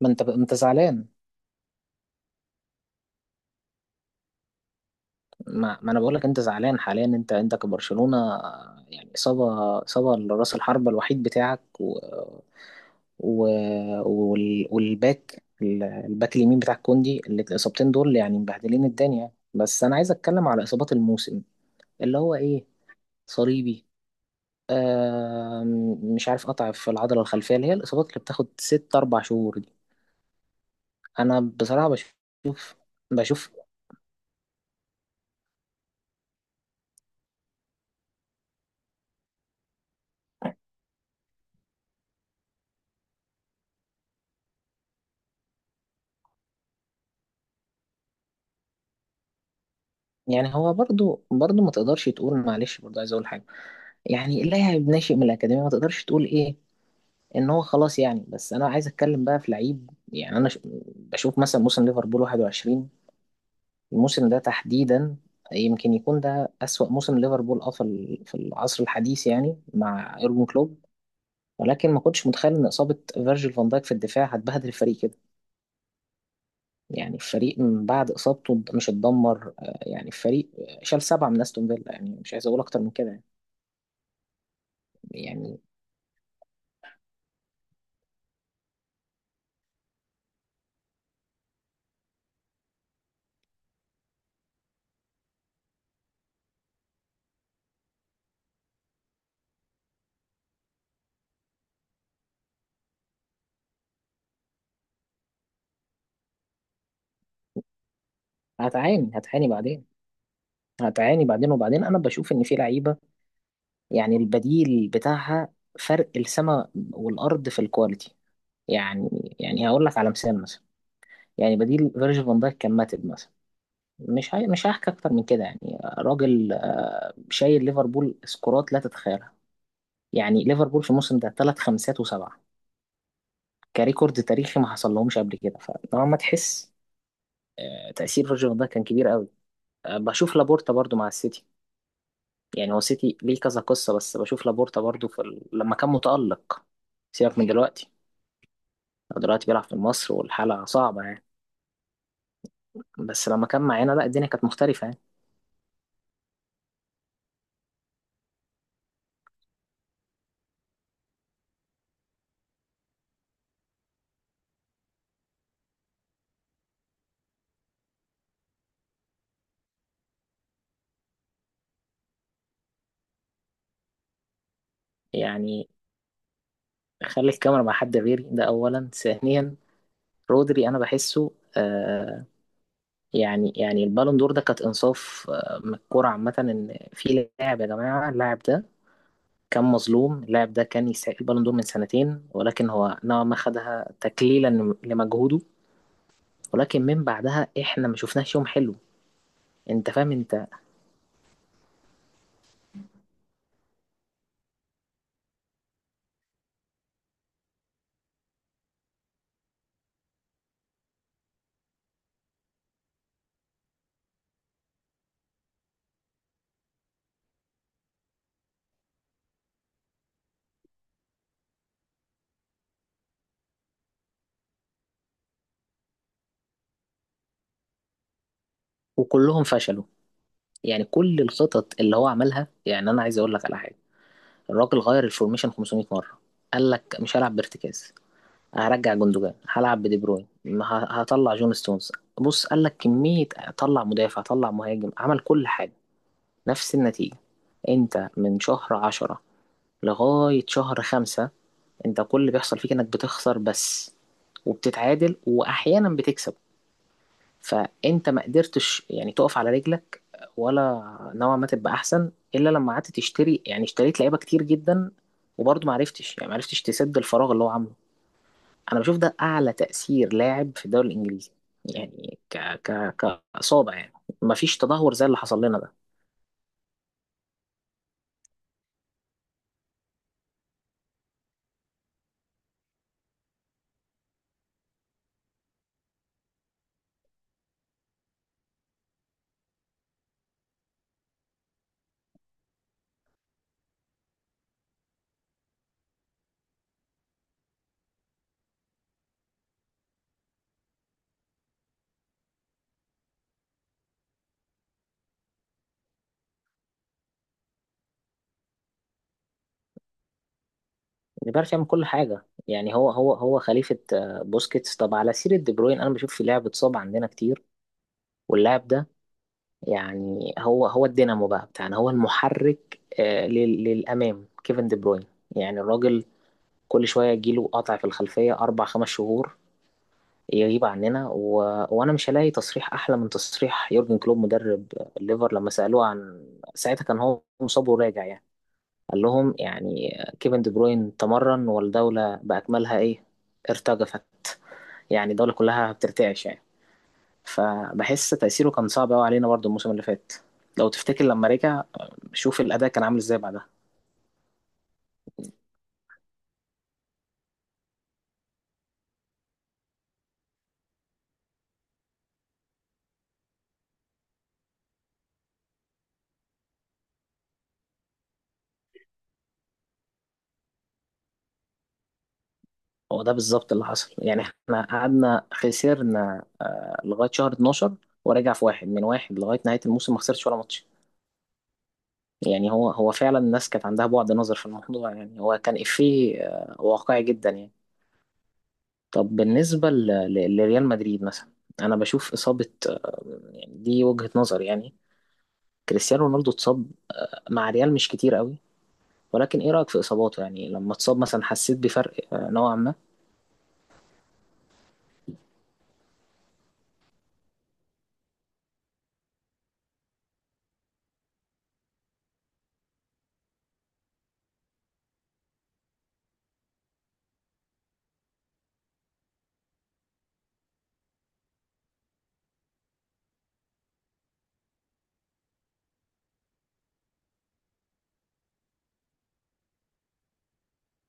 ما انت زعلان. ما انا بقول لك انت زعلان حاليا. انت كبرشلونة يعني اصابة لراس الحربة الوحيد بتاعك و... و... وال... والباك الباك اليمين بتاع كوندي، اللي الاصابتين دول يعني مبهدلين الدنيا. بس انا عايز اتكلم على اصابات الموسم، اللي هو ايه، صليبي، مش عارف، قطع في العضلة الخلفية، اللي هي الاصابات اللي بتاخد ست اربع شهور دي. انا بصراحة بشوف يعني. هو برضو برضو ما تقدرش تقول معلش، برضو عايز اقول حاجه. يعني اللاعب ناشئ من الاكاديميه، ما تقدرش تقول ايه ان هو خلاص يعني. بس انا عايز اتكلم بقى في لعيب. يعني بشوف مثلا موسم ليفربول 21، الموسم ده تحديدا، يمكن يكون ده اسوأ موسم ليفربول اه في العصر الحديث يعني، مع يورجن كلوب. ولكن ما كنتش متخيل ان اصابه فيرجيل فان دايك في الدفاع هتبهدل الفريق كده. يعني الفريق من بعد اصابته مش اتدمر يعني الفريق شال سبعه من استون فيلا، يعني مش عايز اقول اكتر من كده يعني. يعني هتعاني بعدين. هتعاني بعدين، وبعدين انا بشوف ان في لعيبه، يعني البديل بتاعها فرق السماء والارض في الكواليتي. يعني هقول لك على مثال مثلا. يعني بديل فيرجيل فان دايك كان ماتب مثلا. مش هحكي اكتر من كده يعني. راجل شايل ليفربول، سكورات لا تتخيلها. يعني ليفربول في الموسم ده ثلاث خمسات وسبعه، كريكورد تاريخي ما حصل لهمش قبل كده. فطالما تحس تاثير فيرجيل فان دايك كان كبير قوي. بشوف لابورتا برضو مع السيتي. يعني هو سيتي ليه كذا قصة، بس بشوف لابورتا برضو لما كان متألق. سيبك من دلوقتي، هو دلوقتي بيلعب في مصر والحالة صعبة يعني. بس لما كان معانا، لا الدنيا كانت مختلفة يعني. يعني خلي الكاميرا مع حد غيري، ده أولا. ثانيا، رودري، أنا بحسه. آه، يعني البالون دور ده كانت إنصاف من الكورة عامة، إن في لاعب يا جماعة، اللاعب ده كان مظلوم، اللاعب ده كان يستحق البالون دور من سنتين، ولكن هو نوعا ما خدها تكليلا لمجهوده. ولكن من بعدها احنا ما شفناش يوم حلو. انت فاهم انت. وكلهم فشلوا. يعني كل الخطط اللي هو عملها، يعني انا عايز اقول لك على حاجه. الراجل غير الفورميشن 500 مره. قال لك مش هلعب بارتكاز، هرجع جندوجان، هلعب بدي بروين، هطلع جون ستونز. بص قال لك كميه، طلع مدافع، طلع مهاجم، عمل كل حاجه، نفس النتيجه. انت من شهر عشرة لغايه شهر خمسة، انت كل اللي بيحصل فيك انك بتخسر بس، وبتتعادل، واحيانا بتكسب. فانت ما قدرتش يعني تقف على رجلك، ولا نوعا ما تبقى احسن، الا لما قعدت تشتري. يعني اشتريت لعيبه كتير جدا، وبرضه ما عرفتش يعني، ما عرفتش تسد الفراغ اللي هو عامله. انا بشوف ده اعلى تاثير لاعب في الدوري الانجليزي، يعني ك كاصابه يعني. ما فيش تدهور زي اللي حصل لنا ده. ديبارتي يعمل كل حاجه. يعني هو خليفه بوسكيتس. طب على سيره دي بروين، انا بشوف في لاعب اتصاب عندنا كتير، واللاعب ده يعني هو الدينامو بقى بتاعنا، هو المحرك للأمام، كيفن دي بروين. يعني الراجل كل شوية يجيله قطع في الخلفية، أربع خمس شهور يغيب عننا وأنا مش هلاقي تصريح أحلى من تصريح يورجن كلوب، مدرب الليفر، لما سألوه عن، ساعتها كان هو مصاب وراجع يعني، قال لهم يعني كيفن دي بروين تمرن، والدولة بأكملها إيه، ارتجفت. يعني الدولة كلها بترتعش يعني. فبحس تأثيره كان صعب قوي علينا برضه الموسم اللي فات. لو تفتكر لما رجع، شوف الأداء كان عامل ازاي بعدها. هو ده بالظبط اللي حصل. يعني احنا قعدنا خسرنا لغاية شهر 12، ورجع في واحد من واحد لغاية نهاية الموسم، ما خسرش ولا ماتش. يعني هو فعلا الناس كانت عندها بعد نظر في الموضوع. يعني هو كان إفيه واقعي جدا يعني. طب بالنسبة لريال مدريد مثلا، أنا بشوف إصابة يعني دي وجهة نظر يعني، كريستيانو رونالدو اتصاب مع ريال مش كتير قوي، ولكن ايه رأيك في اصاباته؟ يعني لما اتصاب مثلا حسيت بفرق نوعا ما.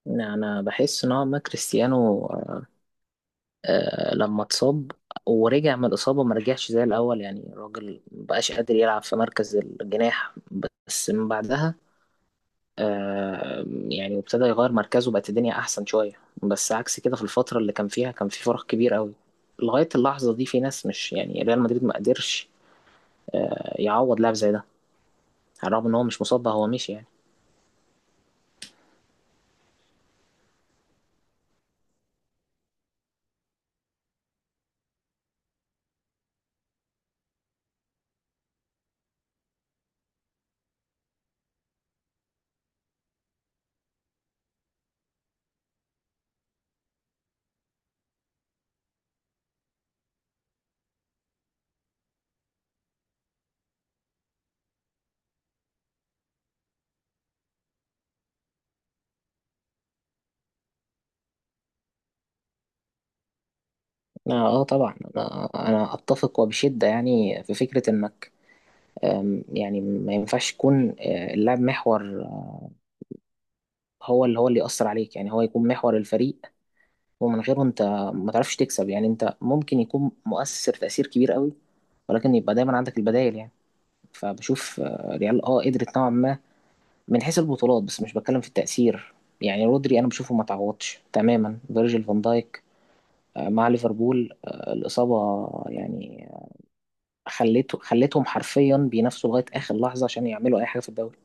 يعني انا بحس نوعا ما كريستيانو لما اتصاب ورجع من الإصابة ما رجعش زي الأول. يعني الراجل مبقاش قادر يلعب في مركز الجناح، بس من بعدها يعني ابتدى يغير مركزه، بقت الدنيا أحسن شوية. بس عكس كده، في الفترة اللي كان فيها كان في فرق كبير قوي. لغاية اللحظة دي في ناس مش، يعني ريال مدريد ما قدرش يعوض لاعب زي ده، على الرغم إن هو مش مصاب بقى، هو مشي يعني. اه طبعا انا اتفق وبشده. يعني في فكره انك يعني ما ينفعش يكون اللاعب محور، هو اللي يأثر عليك. يعني هو يكون محور الفريق ومن غيره انت ما تعرفش تكسب. يعني انت ممكن يكون مؤثر تأثير كبير قوي، ولكن يبقى دايما عندك البدائل يعني. فبشوف ريال اه قدرت نوعا ما من حيث البطولات، بس مش بتكلم في التأثير. يعني رودري انا بشوفه ما تعوضش تماما فيرجيل فان دايك مع ليفربول. الإصابة يعني خليتهم حرفيا بينافسوا لغايه اخر لحظه عشان يعملوا اي حاجه في الدوري.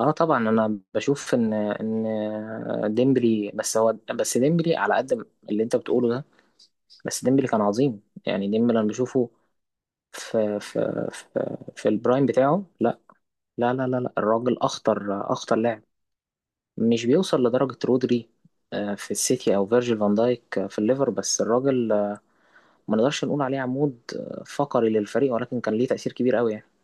اه طبعا انا بشوف ان ديمبلي، بس هو بس ديمبلي على قد اللي انت بتقوله ده، بس ديمبلي كان عظيم. يعني ديمبلي انا بشوفه في البرايم بتاعه، لا لا. الراجل اخطر لاعب، مش بيوصل لدرجه رودري في السيتي، او فيرجيل فان دايك في الليفر. بس الراجل ما نقدرش نقول عليه عمود فقري للفريق، ولكن كان ليه تأثير كبير قوي يعني